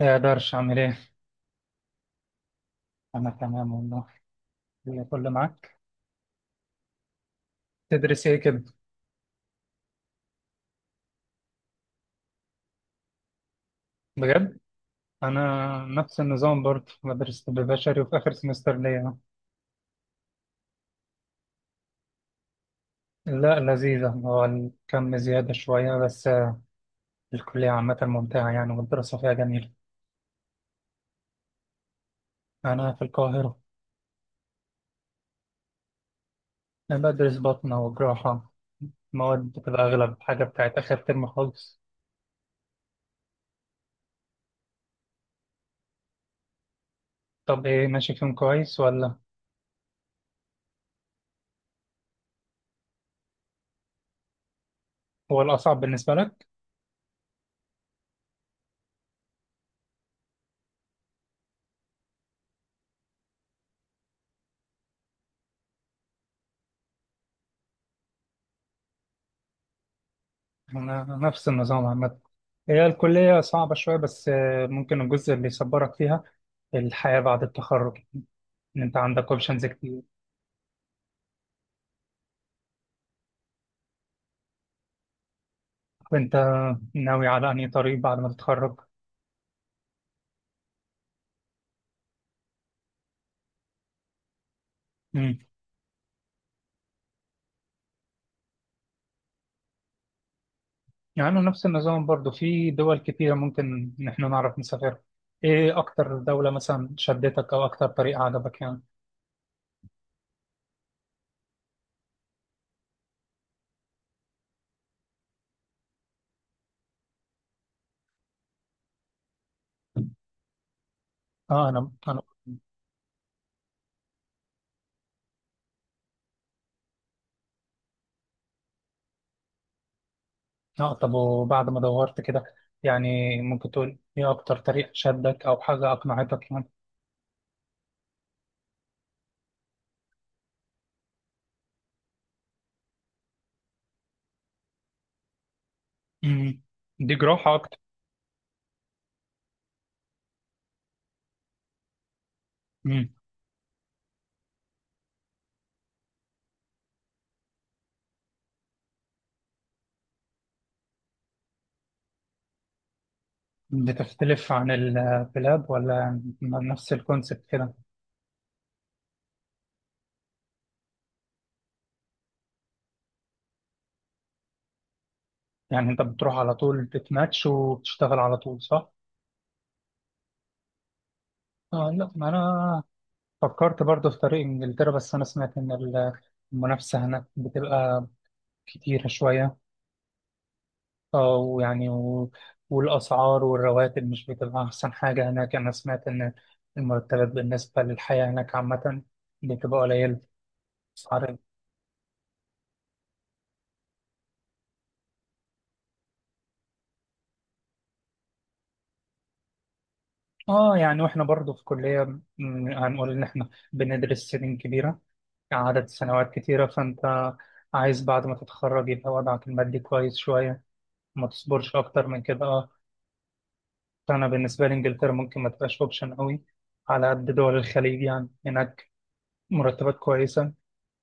ما اقدرش اعمل ايه. انا تمام والله. اللي كله معاك. تدرس ايه كده؟ بجد. انا نفس النظام برضه بدرس طب بشري وفي اخر سمستر ليا أهو. لا لذيذة، هو الكم زيادة شوية بس الكلية عامة ممتعة يعني والدراسة فيها جميلة. أنا في القاهرة. أنا بدرس باطنة وجراحة، مواد بتبقى أغلب حاجة بتاعت آخر ترم خالص. طب إيه، ماشي فيهم كويس ولا؟ هو الأصعب بالنسبة لك؟ أنا نفس النظام عامة، هي الكلية صعبة شوية بس ممكن الجزء اللي يصبرك فيها الحياة بعد التخرج، إن أنت عندك أوبشنز كتير. وأنت ناوي على أنهي طريق بعد ما تتخرج؟ مم. يعني نفس النظام برضو، في دول كتيرة ممكن إن إحنا نعرف نسافرها. إيه أكتر دولة مثلا شدتك أو أكتر طريق عجبك يعني؟ أه، أنا. أه طب، وبعد ما دورت كده يعني ممكن تقول إيه أكتر طريق شدك أو حاجة أقنعتك يعني؟ مم. دي جراحة أكتر؟ بتختلف عن البلاد ولا نفس الكونسبت كده؟ يعني انت بتروح على طول بتماتش وبتشتغل على طول صح؟ آه لا، ما انا فكرت برضه في طريق انجلترا، بس انا سمعت ان المنافسة هناك بتبقى كتيرة شوية. اه ويعني والاسعار والرواتب مش بتبقى احسن حاجة هناك، انا سمعت ان المرتبات بالنسبة للحياة هناك عامة بتبقى قليلة، اسعار. اه يعني، واحنا برضه في كلية، هنقول ان احنا بندرس سنين كبيرة، عدد سنوات كتيرة، فأنت عايز بعد ما تتخرج يبقى وضعك المادي كويس شوية، ما تصبرش أكتر من كده. فأنا بالنسبة لي إنجلترا ممكن ما تبقاش أوبشن أوي، على قد دول الخليج، يعني هناك مرتبات كويسة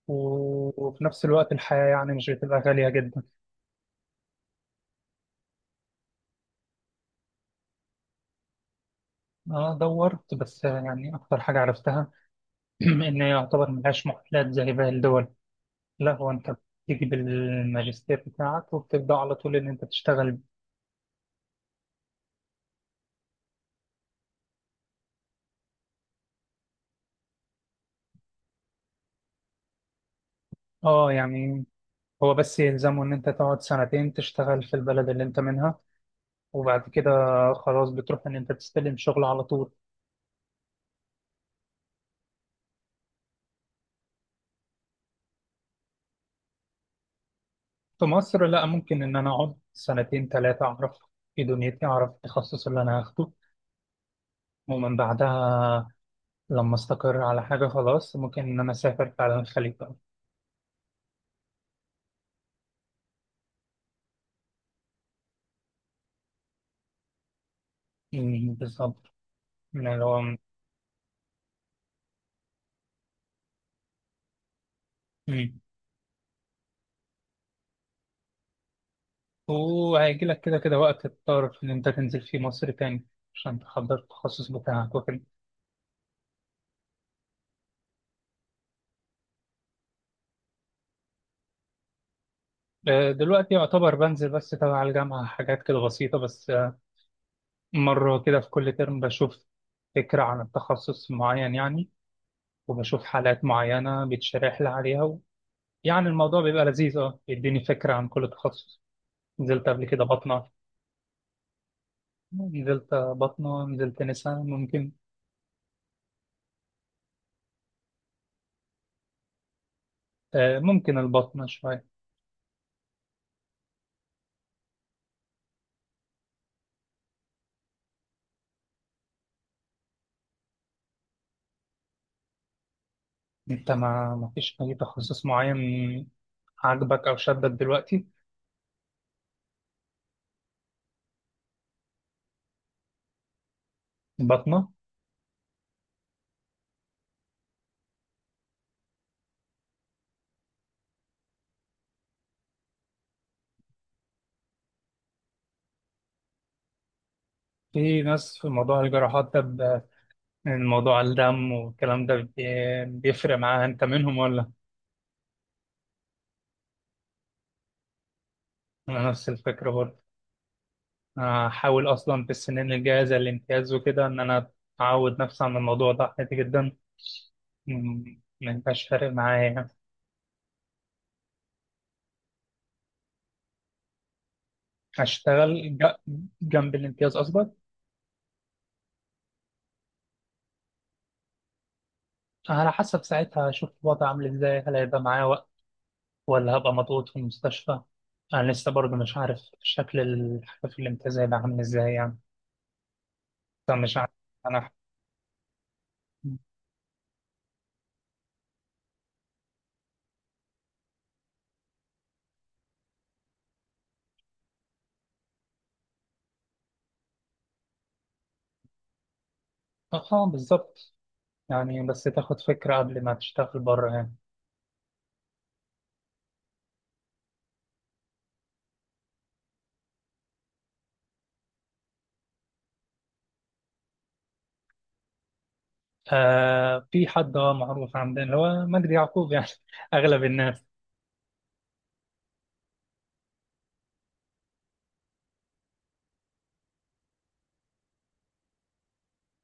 وفي نفس الوقت الحياة يعني مش بتبقى غالية جدا. أه دورت، بس يعني أكتر حاجة عرفتها إن هي يعتبر ملهاش معادلات زي باقي الدول، لا هو أنت بتيجي بالماجستير بتاعك وبتبدأ على طول إن أنت تشتغل. أه يعني، هو بس يلزمه إن أنت تقعد سنتين تشتغل في البلد اللي أنت منها، وبعد كده خلاص بتروح إن أنت تستلم شغل على طول. في مصر لا، ممكن إن أنا أقعد سنتين تلاتة، أعرف في دنيتي أعرف التخصص اللي أنا هاخده، ومن بعدها لما أستقر على حاجة خلاص ممكن إن أنا أسافر فعلا الخليج بقى. أمم، بالظبط، من اللي هو. أمم. وهيجي لك كده كده وقت تضطر إن أنت تنزل فيه مصر تاني عشان تحضر التخصص بتاعك وكده. دلوقتي يعتبر بنزل بس تبع الجامعة حاجات كده بسيطة بس مرة كده في كل ترم بشوف فكرة عن التخصص معين يعني، وبشوف حالات معينة بيتشرح لي عليها يعني الموضوع بيبقى لذيذ، بيديني فكرة عن كل تخصص. نزلت قبل كده بطنة، نزلت بطنة، نزلت نساء، ممكن ممكن البطنة شوية. انت ما فيش أي تخصص معين عاجبك أو شدك دلوقتي؟ بطنة. في ناس في موضوع الجراحات ده، الموضوع الدم والكلام ده بيفرق معاها، انت منهم ولا؟ انا نفس الفكره برضه، انا هحاول اصلا في السنين الجايه زي الامتياز وكده ان انا اعود نفسي عن الموضوع ده، عادي جدا، ما يبقاش فارق معايا يعني. هشتغل ج- جنب الامتياز قصدك، على حسب ساعتها هشوف الوضع عامل ازاي، هل هيبقى معايا وقت ولا هبقى مضغوط في المستشفى، انا لسه برضه مش عارف شكل الحاجه في الامتياز هيبقى عامل ازاي يعني، فمش عارف. انا اه، بالظبط، يعني بس تاخد فكرة قبل ما تشتغل بره هنا. في حد معروف عندنا اللي هو مجدي يعقوب يعني أغلب الناس.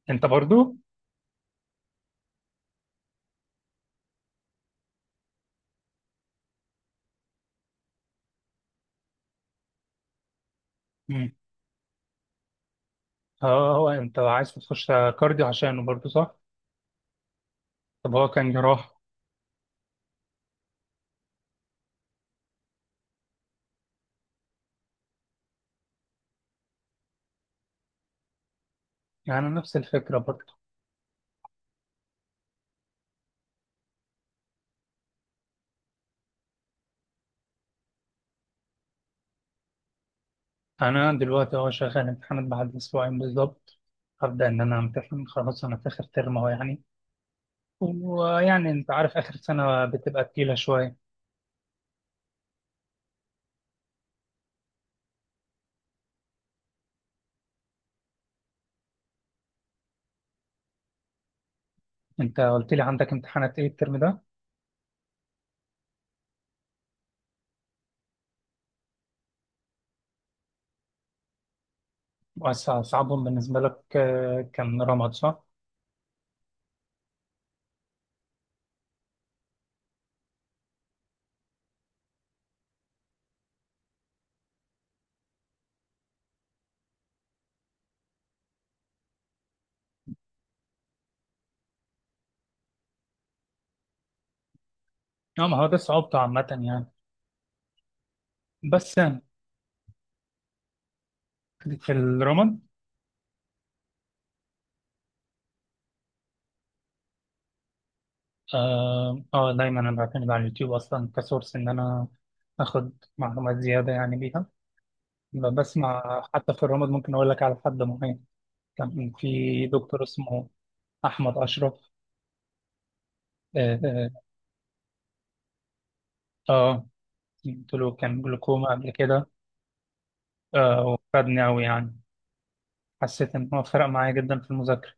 أنت برضو؟ مم. اه هو أنت عايز تخش كارديو عشانه برضو صح؟ طب هو كان جراح؟ يعني نفس الفكرة برضو. أنا دلوقتي شغال امتحانات بعد أسبوعين بالظبط، هبدأ إن أنا أمتحن خلاص، أنا في آخر ترم أهو يعني، ويعني أنت عارف آخر سنة بتبقى تقيلة شوية. أنت قلت لي عندك امتحانات إيه الترم ده؟ وأصعبهم بالنسبة لك كان رمض صح؟ اه، ما هو ده صعوبته عامة يعني، بس يعني في الرمض دايما انا بعتمد على اليوتيوب اصلا كسورس ان انا اخد معلومات زيادة يعني بيها. بسمع حتى في الرمض، ممكن اقول لك على حد معين، كان في دكتور اسمه احمد اشرف. اه، آه. آه، قلت له كان جلوكوما قبل كده. وفادني قوي يعني، حسيت ان هو فرق معايا جدا في المذاكرة.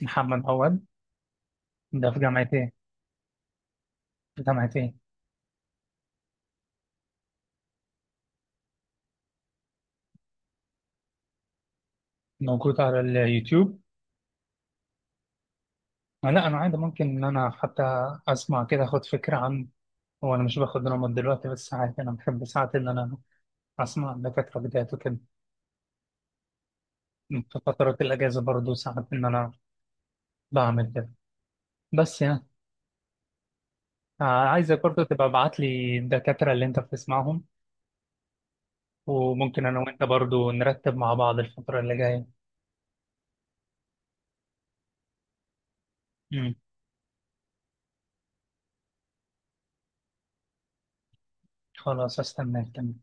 محمد عواد، ده في جامعة ايه؟ في جامعة ايه؟ موجود على اليوتيوب؟ لا انا عادي، ممكن ان انا حتى اسمع كده اخد فكره عن، هو انا مش باخد نومات دلوقتي، بس ساعات انا بحب ساعات ان انا اسمع دكاتره بدايات وكده، في فترات الاجازه برضو ساعات ان انا بعمل كده، بس يعني عايزك برضو تبقى ابعت لي الدكاتره اللي انت بتسمعهم، وممكن انا وانت برضو نرتب مع بعض الفتره اللي جايه. امم. خلاص استناك، تمام.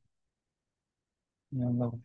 يلا.